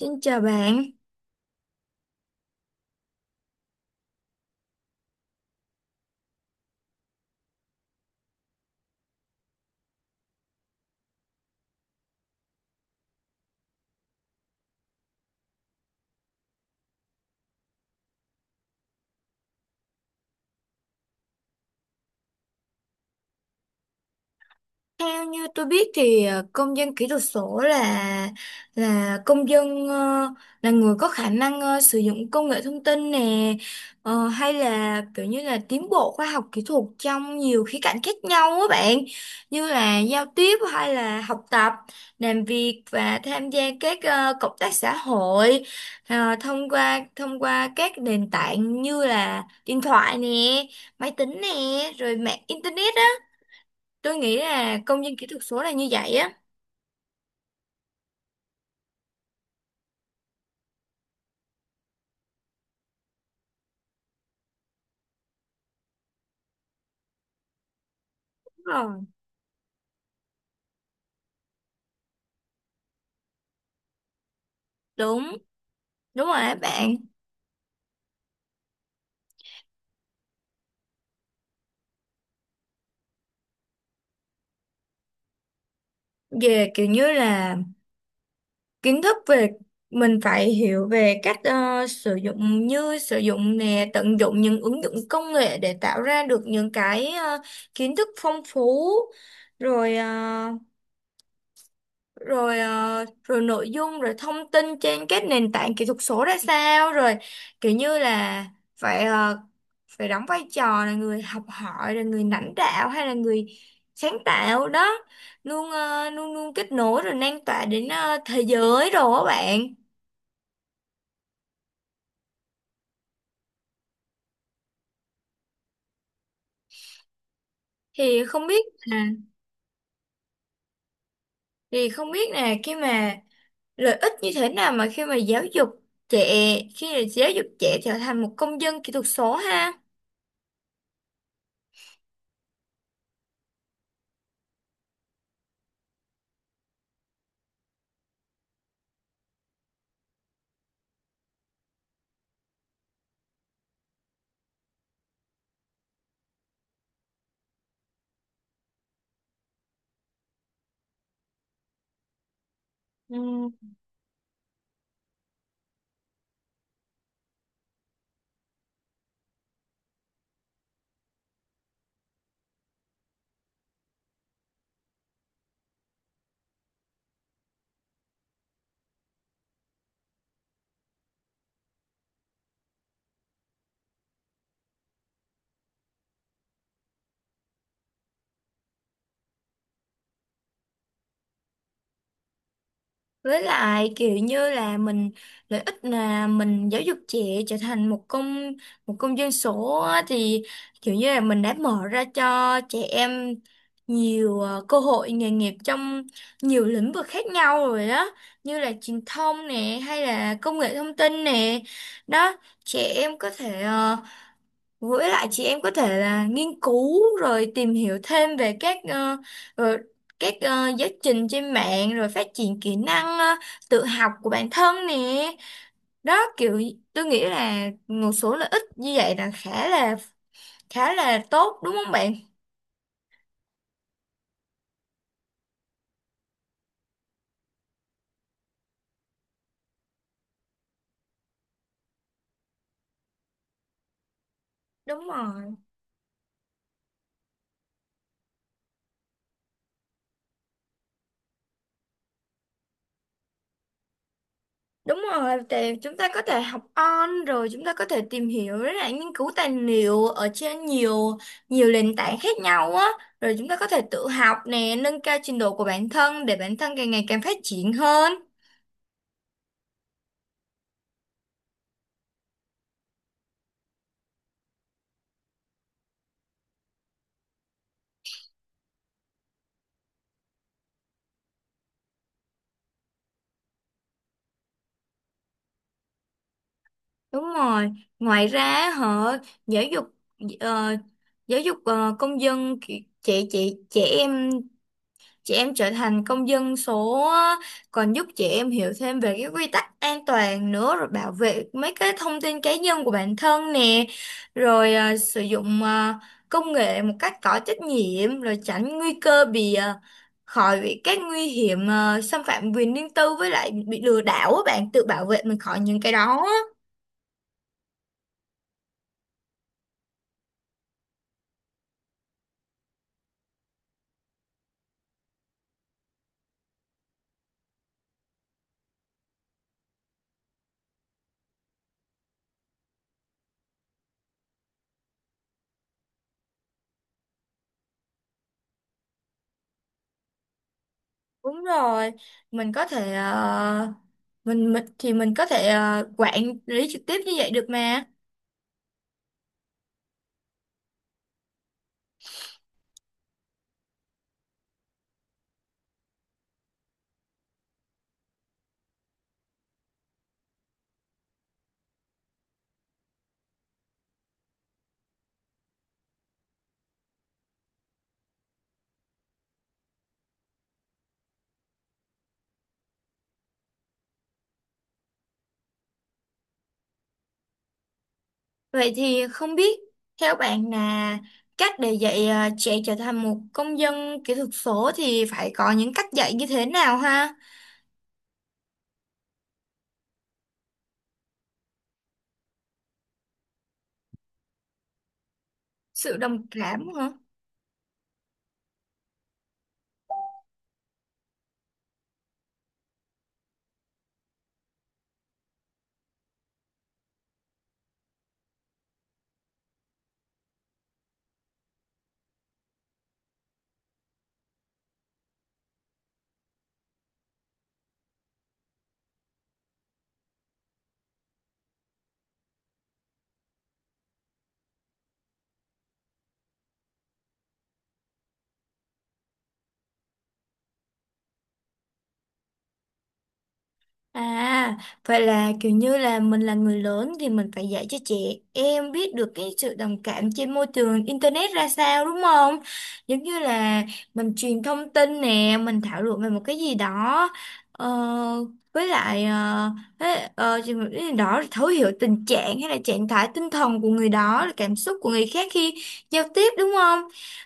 Xin chào bạn. Theo như tôi biết thì công dân kỹ thuật số là công dân, là người có khả năng sử dụng công nghệ thông tin nè, hay là kiểu như là tiến bộ khoa học kỹ thuật trong nhiều khía cạnh khác nhau á bạn, như là giao tiếp hay là học tập, làm việc và tham gia các cộng tác xã hội, thông qua các nền tảng như là điện thoại nè, máy tính nè, rồi mạng internet. Tôi nghĩ là công dân kỹ thuật số là như vậy á. Đúng rồi, đúng, đúng rồi á bạn. Về kiểu như là kiến thức về, mình phải hiểu về cách sử dụng, như sử dụng nè, tận dụng những ứng dụng công nghệ để tạo ra được những cái kiến thức phong phú, rồi rồi nội dung, rồi thông tin trên các nền tảng kỹ thuật số ra sao, rồi kiểu như là phải phải đóng vai trò là người học hỏi, là người lãnh đạo hay là người sáng tạo đó, luôn luôn kết nối rồi lan tỏa đến thế giới rồi các bạn. thì không biết là thì không biết là khi mà lợi ích như thế nào mà khi mà giáo dục trẻ khi mà giáo dục trẻ trở thành một công dân kỹ thuật số ha. Ừ. Với lại kiểu như là mình, lợi ích là mình giáo dục trẻ trở thành một công dân số á, thì kiểu như là mình đã mở ra cho trẻ em nhiều cơ hội nghề nghiệp trong nhiều lĩnh vực khác nhau rồi đó, như là truyền thông nè hay là công nghệ thông tin nè đó. Trẻ em có thể với lại chị em có thể là nghiên cứu rồi tìm hiểu thêm về ờ, các giáo trình trên mạng, rồi phát triển kỹ năng tự học của bản thân nè. Đó kiểu, tôi nghĩ là một số lợi ích như vậy là khá là tốt, đúng không bạn? Đúng rồi. Đúng rồi, thì chúng ta có thể học on, rồi chúng ta có thể tìm hiểu với lại nghiên cứu tài liệu ở trên nhiều nhiều nền tảng khác nhau á, rồi chúng ta có thể tự học nè, nâng cao trình độ của bản thân để bản thân càng ngày càng phát triển hơn. Đúng rồi. Ngoài ra họ giáo dục, ờ, công dân trẻ trẻ trẻ em, chị em trở thành công dân số á, còn giúp chị em hiểu thêm về cái quy tắc an toàn nữa, rồi bảo vệ mấy cái thông tin cá nhân của bản thân nè, rồi sử dụng công nghệ một cách có trách nhiệm, rồi tránh nguy cơ bị khỏi bị các nguy hiểm, xâm phạm quyền riêng tư với lại bị lừa đảo á bạn, tự bảo vệ mình khỏi những cái đó á. Đúng rồi, mình có thể mình có thể quản lý trực tiếp như vậy được mà. Vậy thì không biết theo bạn là cách để dạy trẻ trở thành một công dân kỹ thuật số thì phải có những cách dạy như thế nào ha? Sự đồng cảm hả? À, vậy là kiểu như là mình là người lớn thì mình phải dạy cho trẻ em biết được cái sự đồng cảm trên môi trường internet ra sao, đúng không? Giống như là mình truyền thông tin nè, mình thảo luận về một cái gì đó, ờ, với lại ờ, thế- ờ, chừng- một cái gì đó thấu hiểu tình trạng hay là trạng thái tinh thần của người đó, là cảm xúc của người khác khi giao tiếp, đúng không?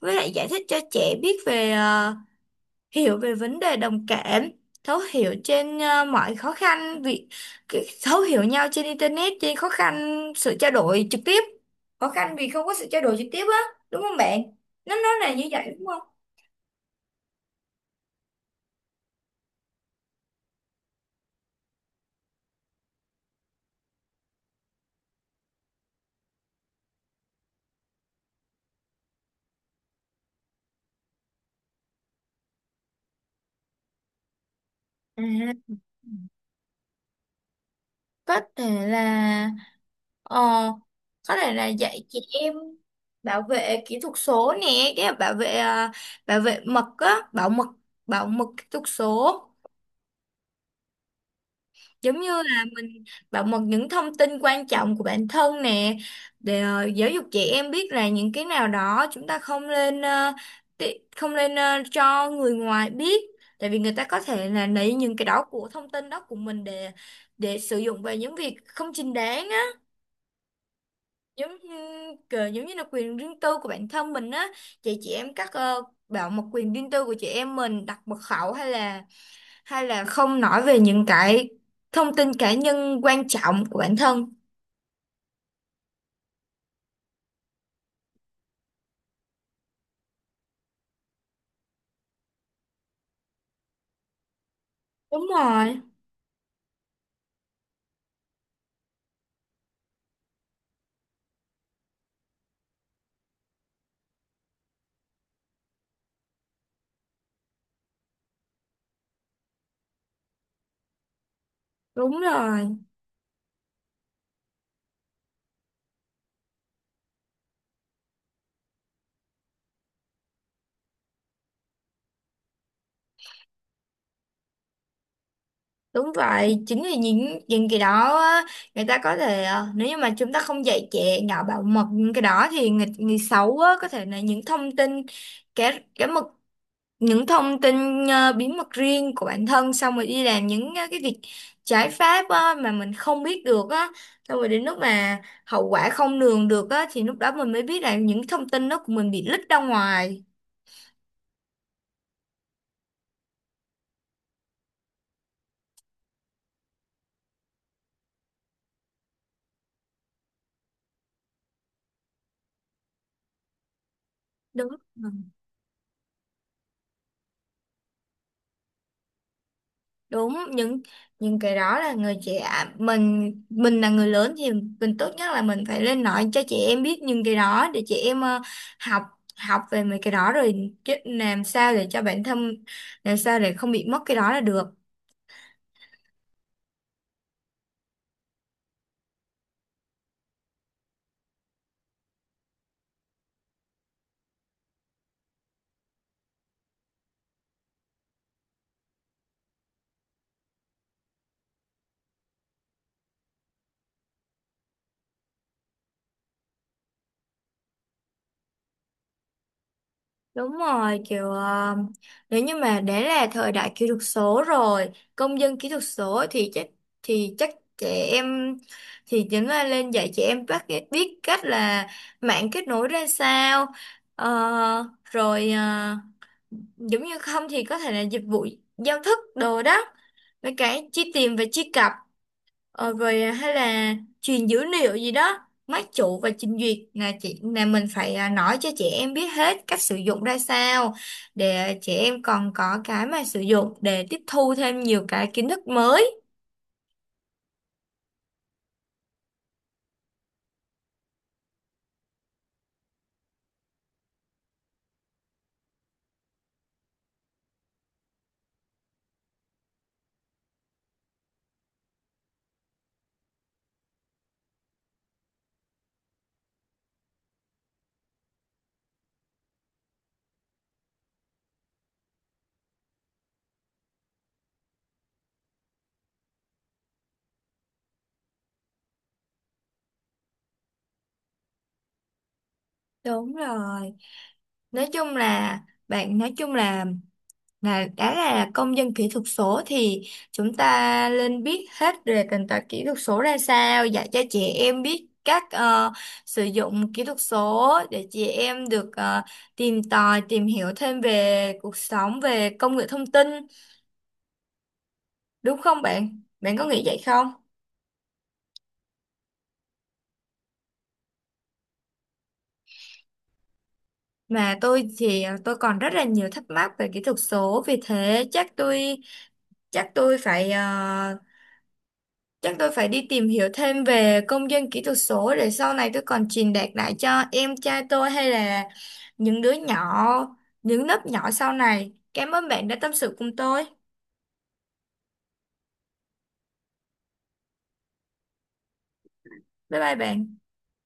Với lại giải thích cho trẻ biết về, hiểu về vấn đề đồng cảm, thấu hiểu trên mọi khó khăn việc, thấu hiểu nhau trên internet, trên khó khăn sự trao đổi trực tiếp, khó khăn vì không có sự trao đổi trực tiếp á, đúng không bạn, nó là như vậy đúng không. À, có thể là, ờ, có thể là dạy chị em bảo vệ kỹ thuật số nè, cái bảo vệ ờ, bảo vệ mật á bảo mật, bảo mật kỹ thuật số. Giống như là mình bảo mật những thông tin quan trọng của bản thân nè, để giáo dục trẻ em biết là những cái nào đó chúng ta không nên, cho người ngoài biết, tại vì người ta có thể là lấy những cái đó của thông tin đó của mình để, sử dụng vào những việc không chính đáng á. Giống như, kiểu giống như là quyền riêng tư của bản thân mình á, chị em các, bảo mật quyền riêng tư của chị em mình, đặt mật khẩu hay là, hay là không nói về những cái thông tin cá nhân quan trọng của bản thân. Đúng rồi. Đúng rồi, đúng vậy. Chính vì những cái đó á, người ta có thể, nếu như mà chúng ta không dạy trẻ nhỏ bảo mật những cái đó thì người xấu á, có thể là những thông tin, cá cá mật, những thông tin bí mật riêng của bản thân, xong rồi đi làm những cái việc trái pháp á, mà mình không biết được á, xong rồi đến lúc mà hậu quả không lường được á thì lúc đó mình mới biết là những thông tin đó của mình bị lít ra ngoài. Đúng rồi. Đúng, những cái đó là người trẻ, mình là người lớn thì mình tốt nhất là mình phải lên nói cho trẻ em biết những cái đó, để trẻ em, học học về mấy cái đó rồi, chứ làm sao để cho bản thân, làm sao để không bị mất cái đó là được. Đúng rồi, kiểu nếu như mà đã là thời đại kỹ thuật số rồi, công dân kỹ thuật số thì chắc, thì chắc trẻ em, thì chính là lên dạy trẻ em bắt biết cách là mạng kết nối ra sao. Ờ, rồi ờ, Giống như không thì có thể là dịch vụ, giao thức đồ đó. Với cái chi tiền và chi cặp. Rồi hay là truyền dữ liệu gì đó, máy chủ và trình duyệt, là mình phải nói cho trẻ em biết hết cách sử dụng ra sao để trẻ em còn có cái mà sử dụng để tiếp thu thêm nhiều cái kiến thức mới. Đúng rồi, nói chung là, nói chung Là đã là công dân kỹ thuật số thì chúng ta nên biết hết về nền tảng kỹ thuật số ra sao, dạy cho trẻ em biết cách sử dụng kỹ thuật số để trẻ em được tìm tòi, tìm hiểu thêm về cuộc sống, về công nghệ thông tin, đúng không bạn? Bạn có nghĩ vậy không? Mà tôi thì tôi còn rất là nhiều thắc mắc về kỹ thuật số, vì thế chắc tôi, chắc tôi phải ờ, chắc tôi phải đi tìm hiểu thêm về công dân kỹ thuật số để sau này tôi còn truyền đạt lại cho em trai tôi, hay là những đứa nhỏ, những lớp nhỏ sau này. Cảm ơn bạn đã tâm sự cùng tôi. Bye bye bạn.